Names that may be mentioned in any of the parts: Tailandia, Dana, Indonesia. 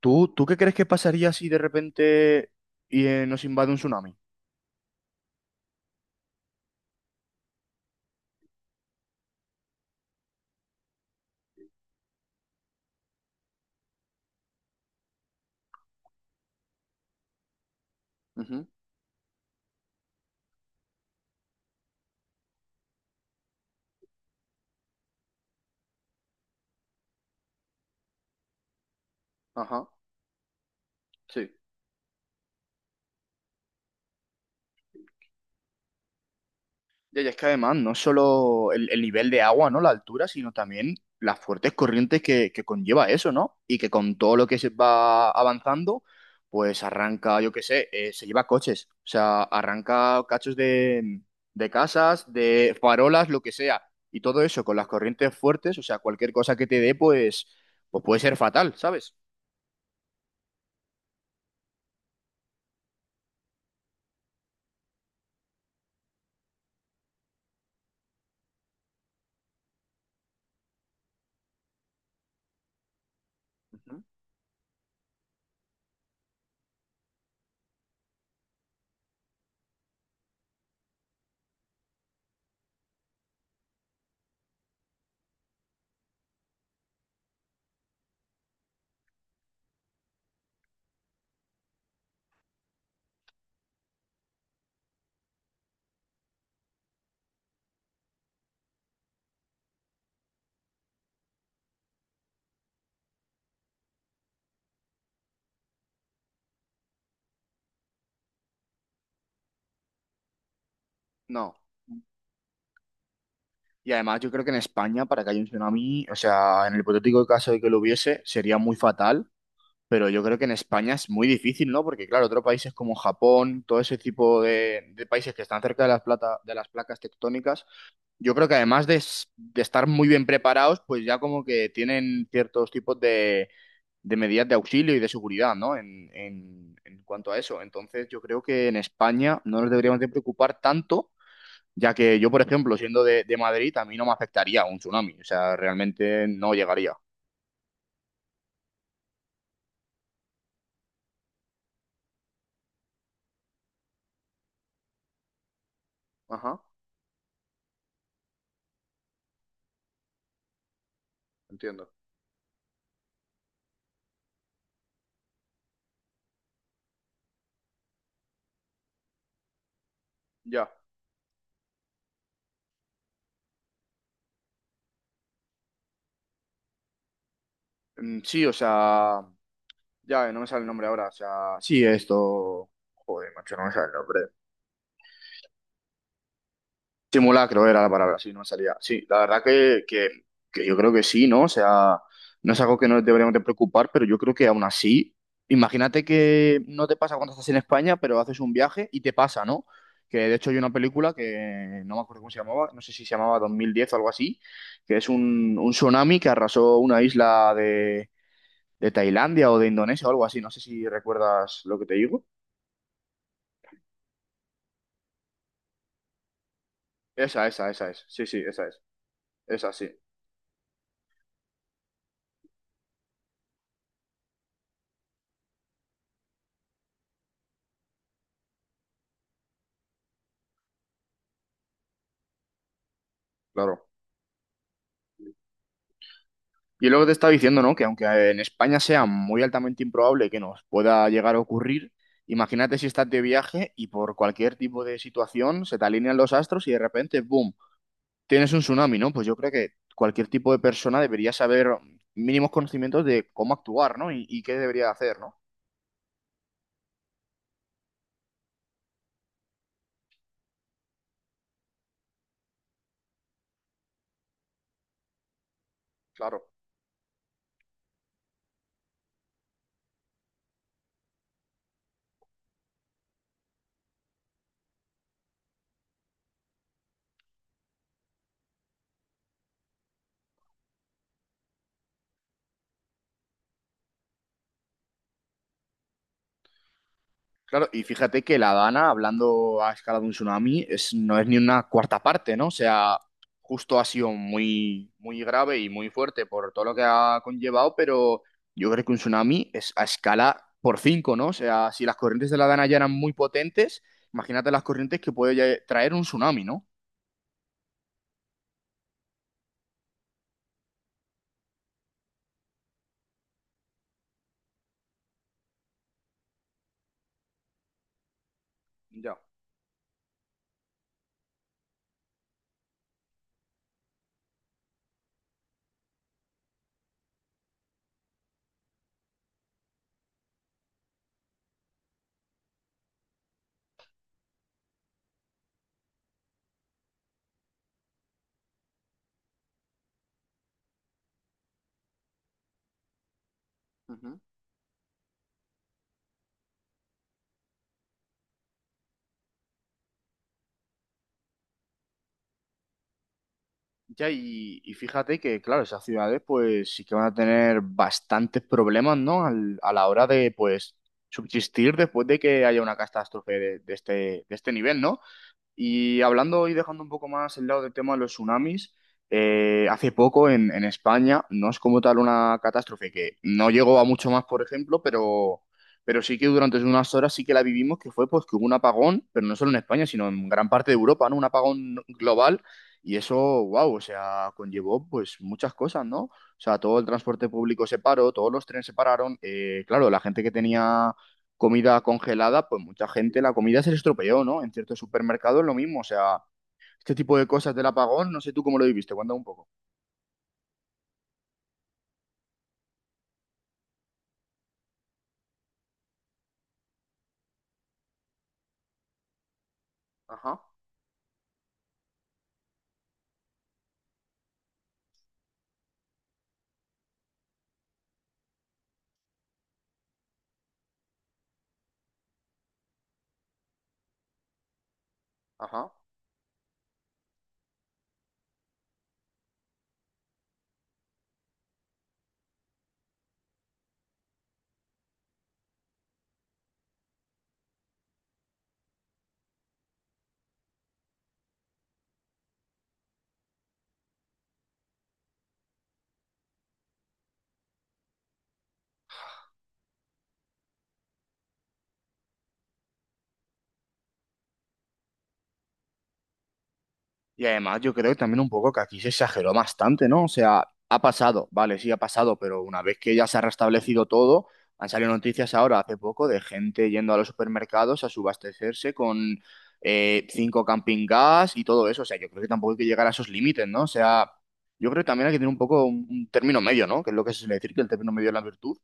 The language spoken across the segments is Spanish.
¿Tú qué crees que pasaría si de repente y, nos invade un tsunami? Ajá, sí. Ya es que además no es solo el nivel de agua, ¿no? La altura, sino también las fuertes corrientes que conlleva eso, ¿no? Y que con todo lo que se va avanzando, pues arranca, yo qué sé, se lleva coches, o sea, arranca cachos de casas, de farolas, lo que sea. Y todo eso con las corrientes fuertes, o sea, cualquier cosa que te dé, pues puede ser fatal, ¿sabes? Ujú. No. Y además yo creo que en España, para que haya un tsunami, o sea, en el hipotético caso de que lo hubiese, sería muy fatal, pero yo creo que en España es muy difícil, ¿no? Porque claro, otros países como Japón, todo ese tipo de países que están cerca de las plata, de las placas tectónicas, yo creo que además de, de estar muy bien preparados, pues ya como que tienen ciertos tipos de medidas de auxilio y de seguridad, ¿no? En cuanto a eso. Entonces yo creo que en España no nos deberíamos de preocupar tanto ya que yo, por ejemplo, siendo de Madrid, a mí no me afectaría un tsunami, o sea, realmente no llegaría. Ajá, entiendo. Ya. Mm. Sí, o sea, ya, no me sale el nombre ahora, o sea, sí, esto... Joder, macho, no me sale el nombre. Simulacro era la palabra, sí, no me salía. Sí, la verdad que yo creo que sí, ¿no? O sea, no es algo que nos deberíamos de preocupar, pero yo creo que aún así, imagínate que no te pasa cuando estás en España, pero haces un viaje y te pasa, ¿no? Que de hecho hay una película que no me acuerdo cómo se llamaba, no sé si se llamaba 2010 o algo así, que es un tsunami que arrasó una isla de Tailandia o de Indonesia o algo así, no sé si recuerdas lo que te digo. Esa es, sí, sí, esa es, esa sí, claro. Y es lo que te estaba diciendo, ¿no? Que aunque en España sea muy altamente improbable que nos pueda llegar a ocurrir, imagínate si estás de viaje y por cualquier tipo de situación se te alinean los astros y de repente, ¡boom!, tienes un tsunami, ¿no? Pues yo creo que cualquier tipo de persona debería saber mínimos conocimientos de cómo actuar, ¿no? Y qué debería hacer, ¿no? Claro. Claro, y fíjate que la Dana, hablando a escala de un tsunami, es, no es ni una cuarta parte, ¿no? O sea, justo ha sido muy, muy grave y muy fuerte por todo lo que ha conllevado, pero yo creo que un tsunami es a escala por cinco, ¿no? O sea, si las corrientes de la Dana ya eran muy potentes, imagínate las corrientes que puede ya traer un tsunami, ¿no? Ya. Ujú. Ya, y fíjate que, claro, esas ciudades pues sí que van a tener bastantes problemas, ¿no? A la hora de, pues, subsistir después de que haya una catástrofe de este nivel, ¿no? Y hablando y dejando un poco más el lado del tema de los tsunamis, hace poco en España no es como tal una catástrofe que no llegó a mucho más, por ejemplo, pero sí que durante unas horas sí que la vivimos, que fue pues que hubo un apagón, pero no solo en España, sino en gran parte de Europa, ¿no? Un apagón global y eso, wow, o sea, conllevó pues muchas cosas, ¿no? O sea, todo el transporte público se paró, todos los trenes se pararon, claro, la gente que tenía comida congelada, pues mucha gente la comida se le estropeó, ¿no? En ciertos supermercados lo mismo, o sea, este tipo de cosas del apagón, no sé tú cómo lo viviste, cuéntame un poco. Ajá, ajá. Y además yo creo que también un poco que aquí se exageró bastante, ¿no? O sea, ha pasado, vale, sí ha pasado, pero una vez que ya se ha restablecido todo, han salido noticias ahora hace poco de gente yendo a los supermercados a subastecerse con cinco camping gas y todo eso. O sea, yo creo que tampoco hay que llegar a esos límites, ¿no? O sea, yo creo que también hay que tener un poco un término medio, ¿no? Que es lo que se suele decir, que el término medio es la virtud.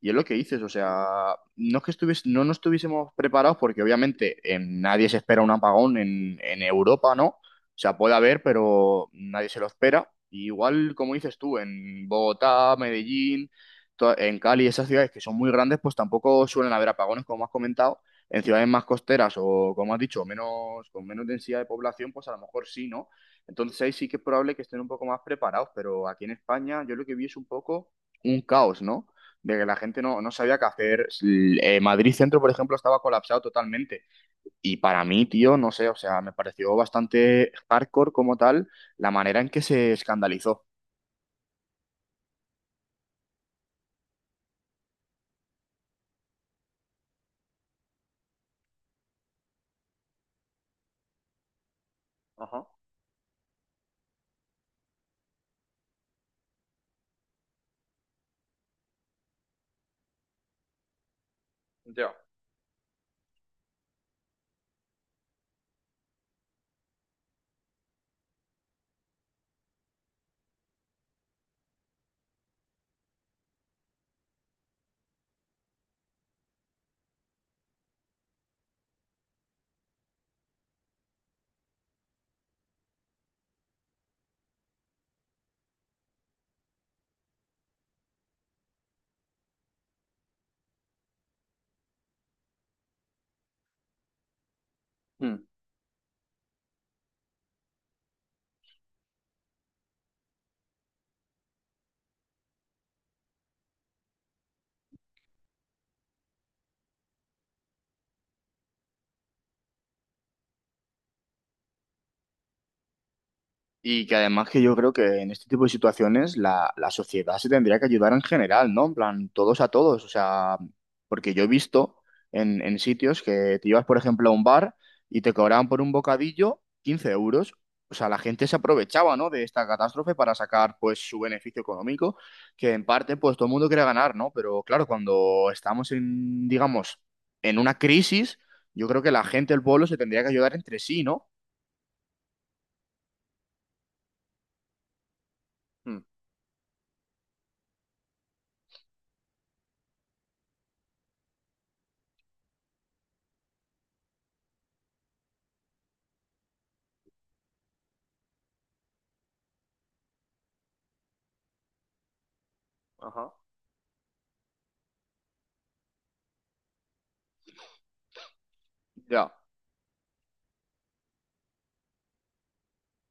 Y es lo que dices, o sea, no nos estuviésemos preparados porque obviamente nadie se espera un apagón en Europa, ¿no? O sea, puede haber, pero nadie se lo espera. Y igual, como dices tú, en Bogotá, Medellín, en Cali, esas ciudades que son muy grandes, pues tampoco suelen haber apagones, como has comentado. En ciudades más costeras o, como has dicho, menos, con menos densidad de población, pues a lo mejor sí, ¿no? Entonces ahí sí que es probable que estén un poco más preparados, pero aquí en España yo lo que vi es un poco un caos, ¿no? De que la gente no sabía qué hacer. S- Madrid Centro, por ejemplo, estaba colapsado totalmente. Y para mí, tío, no sé, o sea, me pareció bastante hardcore como tal la manera en que se escandalizó. Ajá, ya. Mm. Y que además que yo creo que en este tipo de situaciones la sociedad se tendría que ayudar en general, ¿no? En plan, todos a todos. O sea, porque yo he visto en sitios que te ibas, por ejemplo, a un bar y te cobraban por un bocadillo 15 euros. O sea, la gente se aprovechaba, ¿no? De esta catástrofe para sacar, pues, su beneficio económico, que en parte, pues, todo el mundo quiere ganar, ¿no? Pero claro, cuando estamos en, digamos, en una crisis, yo creo que la gente, el pueblo, se tendría que ayudar entre sí, ¿no? Mm, ajá. Ya.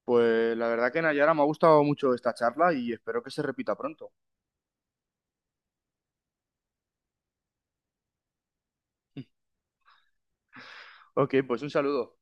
Pues la verdad que Nayara me ha gustado mucho esta charla y espero que se repita pronto. Ok, pues un saludo.